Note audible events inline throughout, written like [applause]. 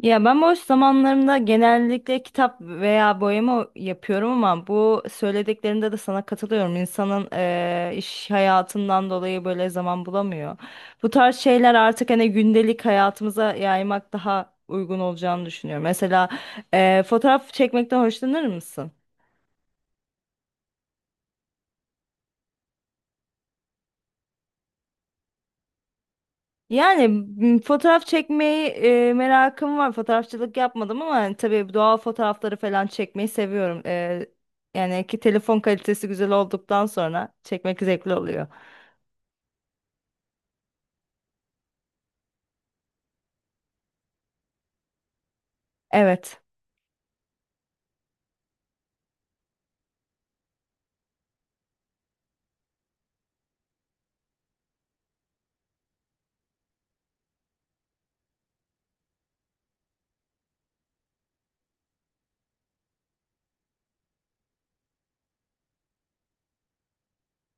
Ya ben boş zamanlarımda genellikle kitap veya boyama yapıyorum ama bu söylediklerinde de sana katılıyorum. İnsanın iş hayatından dolayı böyle zaman bulamıyor. Bu tarz şeyler artık hani gündelik hayatımıza yaymak daha uygun olacağını düşünüyorum. Mesela fotoğraf çekmekten hoşlanır mısın? Yani fotoğraf çekmeyi merakım var. Fotoğrafçılık yapmadım ama yani tabii doğal fotoğrafları falan çekmeyi seviyorum. Yani ki telefon kalitesi güzel olduktan sonra çekmek zevkli oluyor. Evet.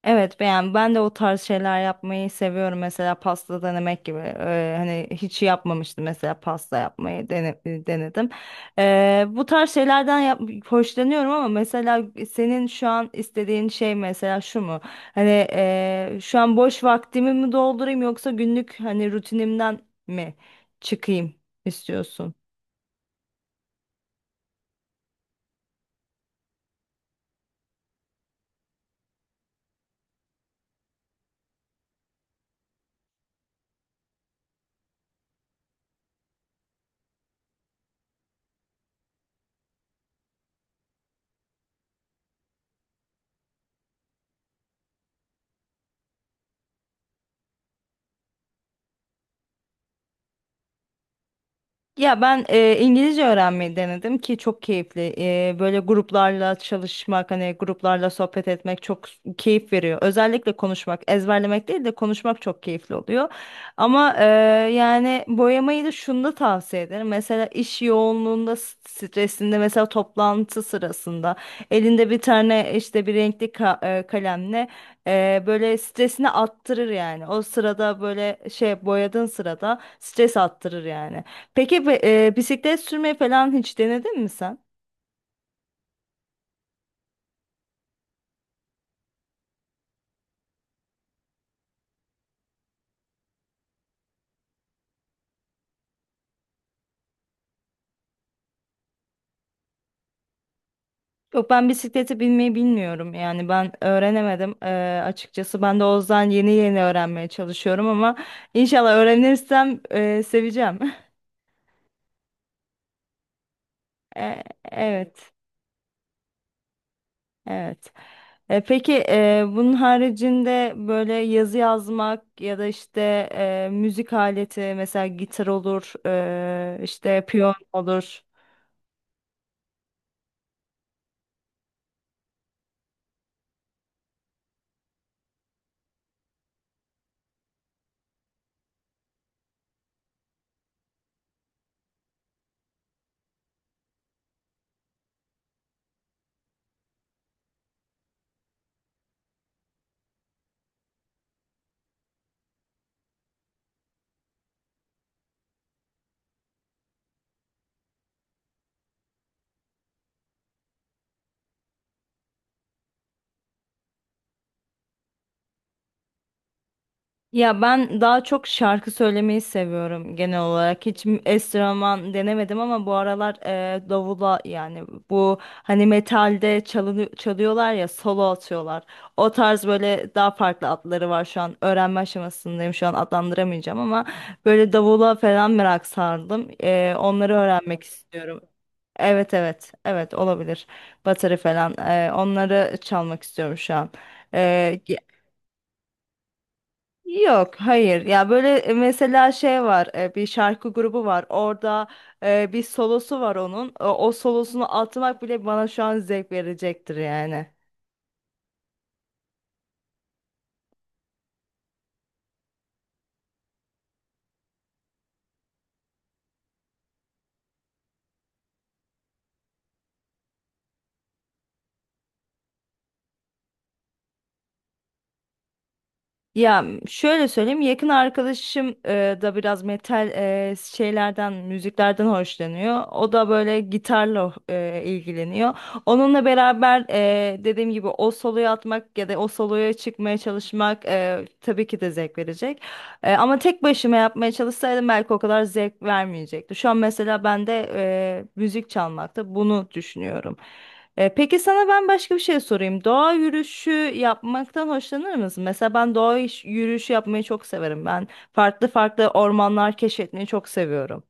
Evet beğen. Ben de o tarz şeyler yapmayı seviyorum. Mesela pasta denemek gibi. Hani hiç yapmamıştım mesela pasta yapmayı denedim. Bu tarz şeylerden yap hoşlanıyorum ama mesela senin şu an istediğin şey mesela şu mu? Hani şu an boş vaktimi mi doldurayım yoksa günlük hani rutinimden mi çıkayım istiyorsun? Ya ben İngilizce öğrenmeyi denedim ki çok keyifli. Böyle gruplarla çalışmak, hani gruplarla sohbet etmek çok keyif veriyor. Özellikle konuşmak, ezberlemek değil de konuşmak çok keyifli oluyor. Ama yani boyamayı da şunu tavsiye ederim. Mesela iş yoğunluğunda, stresinde, mesela toplantı sırasında elinde bir tane işte bir renkli kalemle böyle stresini attırır yani. O sırada böyle şey boyadığın sırada stres attırır yani. Peki bisiklet sürmeyi falan hiç denedin mi sen? Yok, ben bisiklete binmeyi bilmiyorum yani ben öğrenemedim. Açıkçası ben de o yüzden yeni yeni öğrenmeye çalışıyorum ama inşallah öğrenirsem seveceğim. [laughs] E, evet evet. Peki bunun haricinde böyle yazı yazmak ya da işte müzik aleti mesela gitar olur işte piyano olur. Ya ben daha çok şarkı söylemeyi seviyorum genel olarak. Hiç enstrüman denemedim ama bu aralar davula yani bu hani metalde çalıyorlar ya solo atıyorlar. O tarz böyle daha farklı adları var şu an. Öğrenme aşamasındayım şu an adlandıramayacağım ama böyle davula falan merak sardım. Onları öğrenmek istiyorum. Evet evet evet, olabilir. Bateri falan onları çalmak istiyorum şu an. Yok, hayır. Ya böyle mesela şey var, bir şarkı grubu var. Orada bir solosu var onun. O solosunu atmak bile bana şu an zevk verecektir yani. Ya şöyle söyleyeyim, yakın arkadaşım da biraz metal şeylerden, müziklerden hoşlanıyor. O da böyle gitarla ilgileniyor. Onunla beraber dediğim gibi o soloyu atmak ya da o soloya çıkmaya çalışmak tabii ki de zevk verecek. Ama tek başıma yapmaya çalışsaydım belki o kadar zevk vermeyecekti. Şu an mesela ben de müzik çalmakta bunu düşünüyorum. Peki sana ben başka bir şey sorayım. Doğa yürüyüşü yapmaktan hoşlanır mısın? Mesela ben doğa yürüyüşü yapmayı çok severim. Ben farklı farklı ormanlar keşfetmeyi çok seviyorum.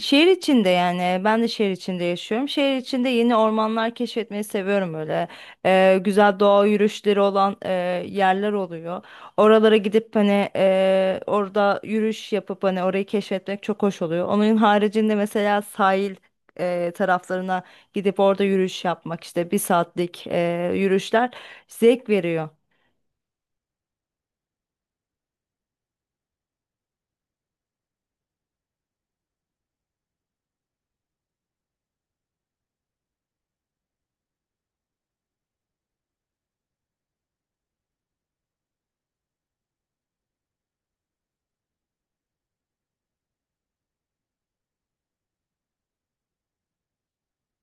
Şehir içinde, yani ben de şehir içinde yaşıyorum. Şehir içinde yeni ormanlar keşfetmeyi seviyorum öyle. Güzel doğa yürüyüşleri olan yerler oluyor. Oralara gidip hani orada yürüyüş yapıp hani orayı keşfetmek çok hoş oluyor. Onun haricinde mesela sahil taraflarına gidip orada yürüyüş yapmak, işte bir saatlik yürüyüşler zevk veriyor.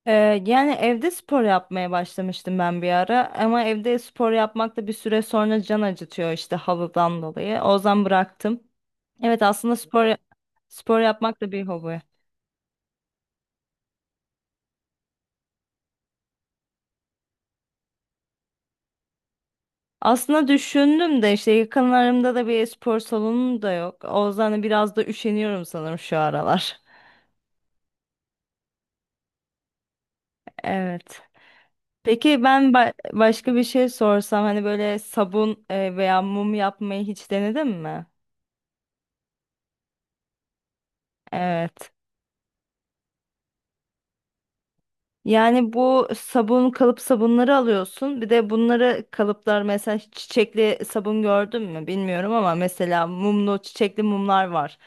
Yani evde spor yapmaya başlamıştım ben bir ara ama evde spor yapmak da bir süre sonra can acıtıyor işte havadan dolayı. O yüzden bıraktım. Evet, aslında spor spor yapmak da bir hobi. Aslında düşündüm de işte yakınlarımda da bir spor salonu da yok. O yüzden de biraz da üşeniyorum sanırım şu aralar. Evet. Peki ben başka bir şey sorsam hani böyle sabun veya mum yapmayı hiç denedin mi? Evet. Yani bu sabun kalıp sabunları alıyorsun. Bir de bunları kalıplar, mesela hiç çiçekli sabun gördün mü bilmiyorum ama mesela mumlu çiçekli mumlar var.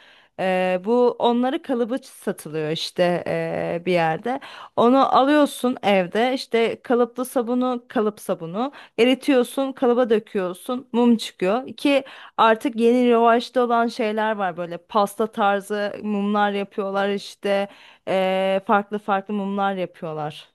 Bu onları kalıbı satılıyor işte bir yerde. Onu alıyorsun evde, işte kalıplı sabunu kalıp sabunu eritiyorsun, kalıba döküyorsun, mum çıkıyor. Ki artık yeni revaçta olan şeyler var, böyle pasta tarzı mumlar yapıyorlar işte. Farklı farklı mumlar yapıyorlar.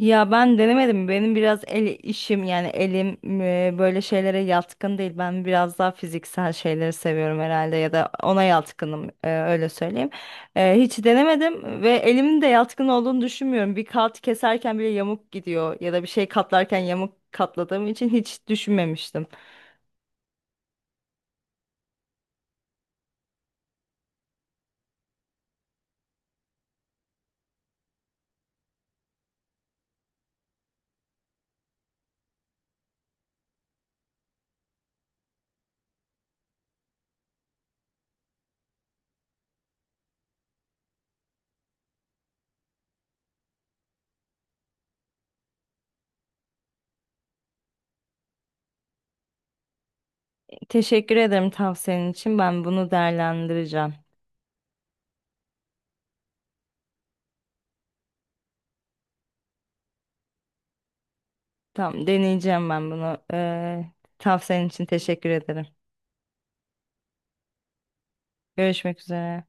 Ya ben denemedim. Benim biraz el işim yani elim böyle şeylere yatkın değil. Ben biraz daha fiziksel şeyleri seviyorum herhalde ya da ona yatkınım, öyle söyleyeyim. Hiç denemedim ve elimin de yatkın olduğunu düşünmüyorum. Bir kağıt keserken bile yamuk gidiyor ya da bir şey katlarken yamuk katladığım için hiç düşünmemiştim. Teşekkür ederim tavsiyenin için. Ben bunu değerlendireceğim. Tamam, deneyeceğim ben bunu. Tavsiyenin için teşekkür ederim. Görüşmek üzere.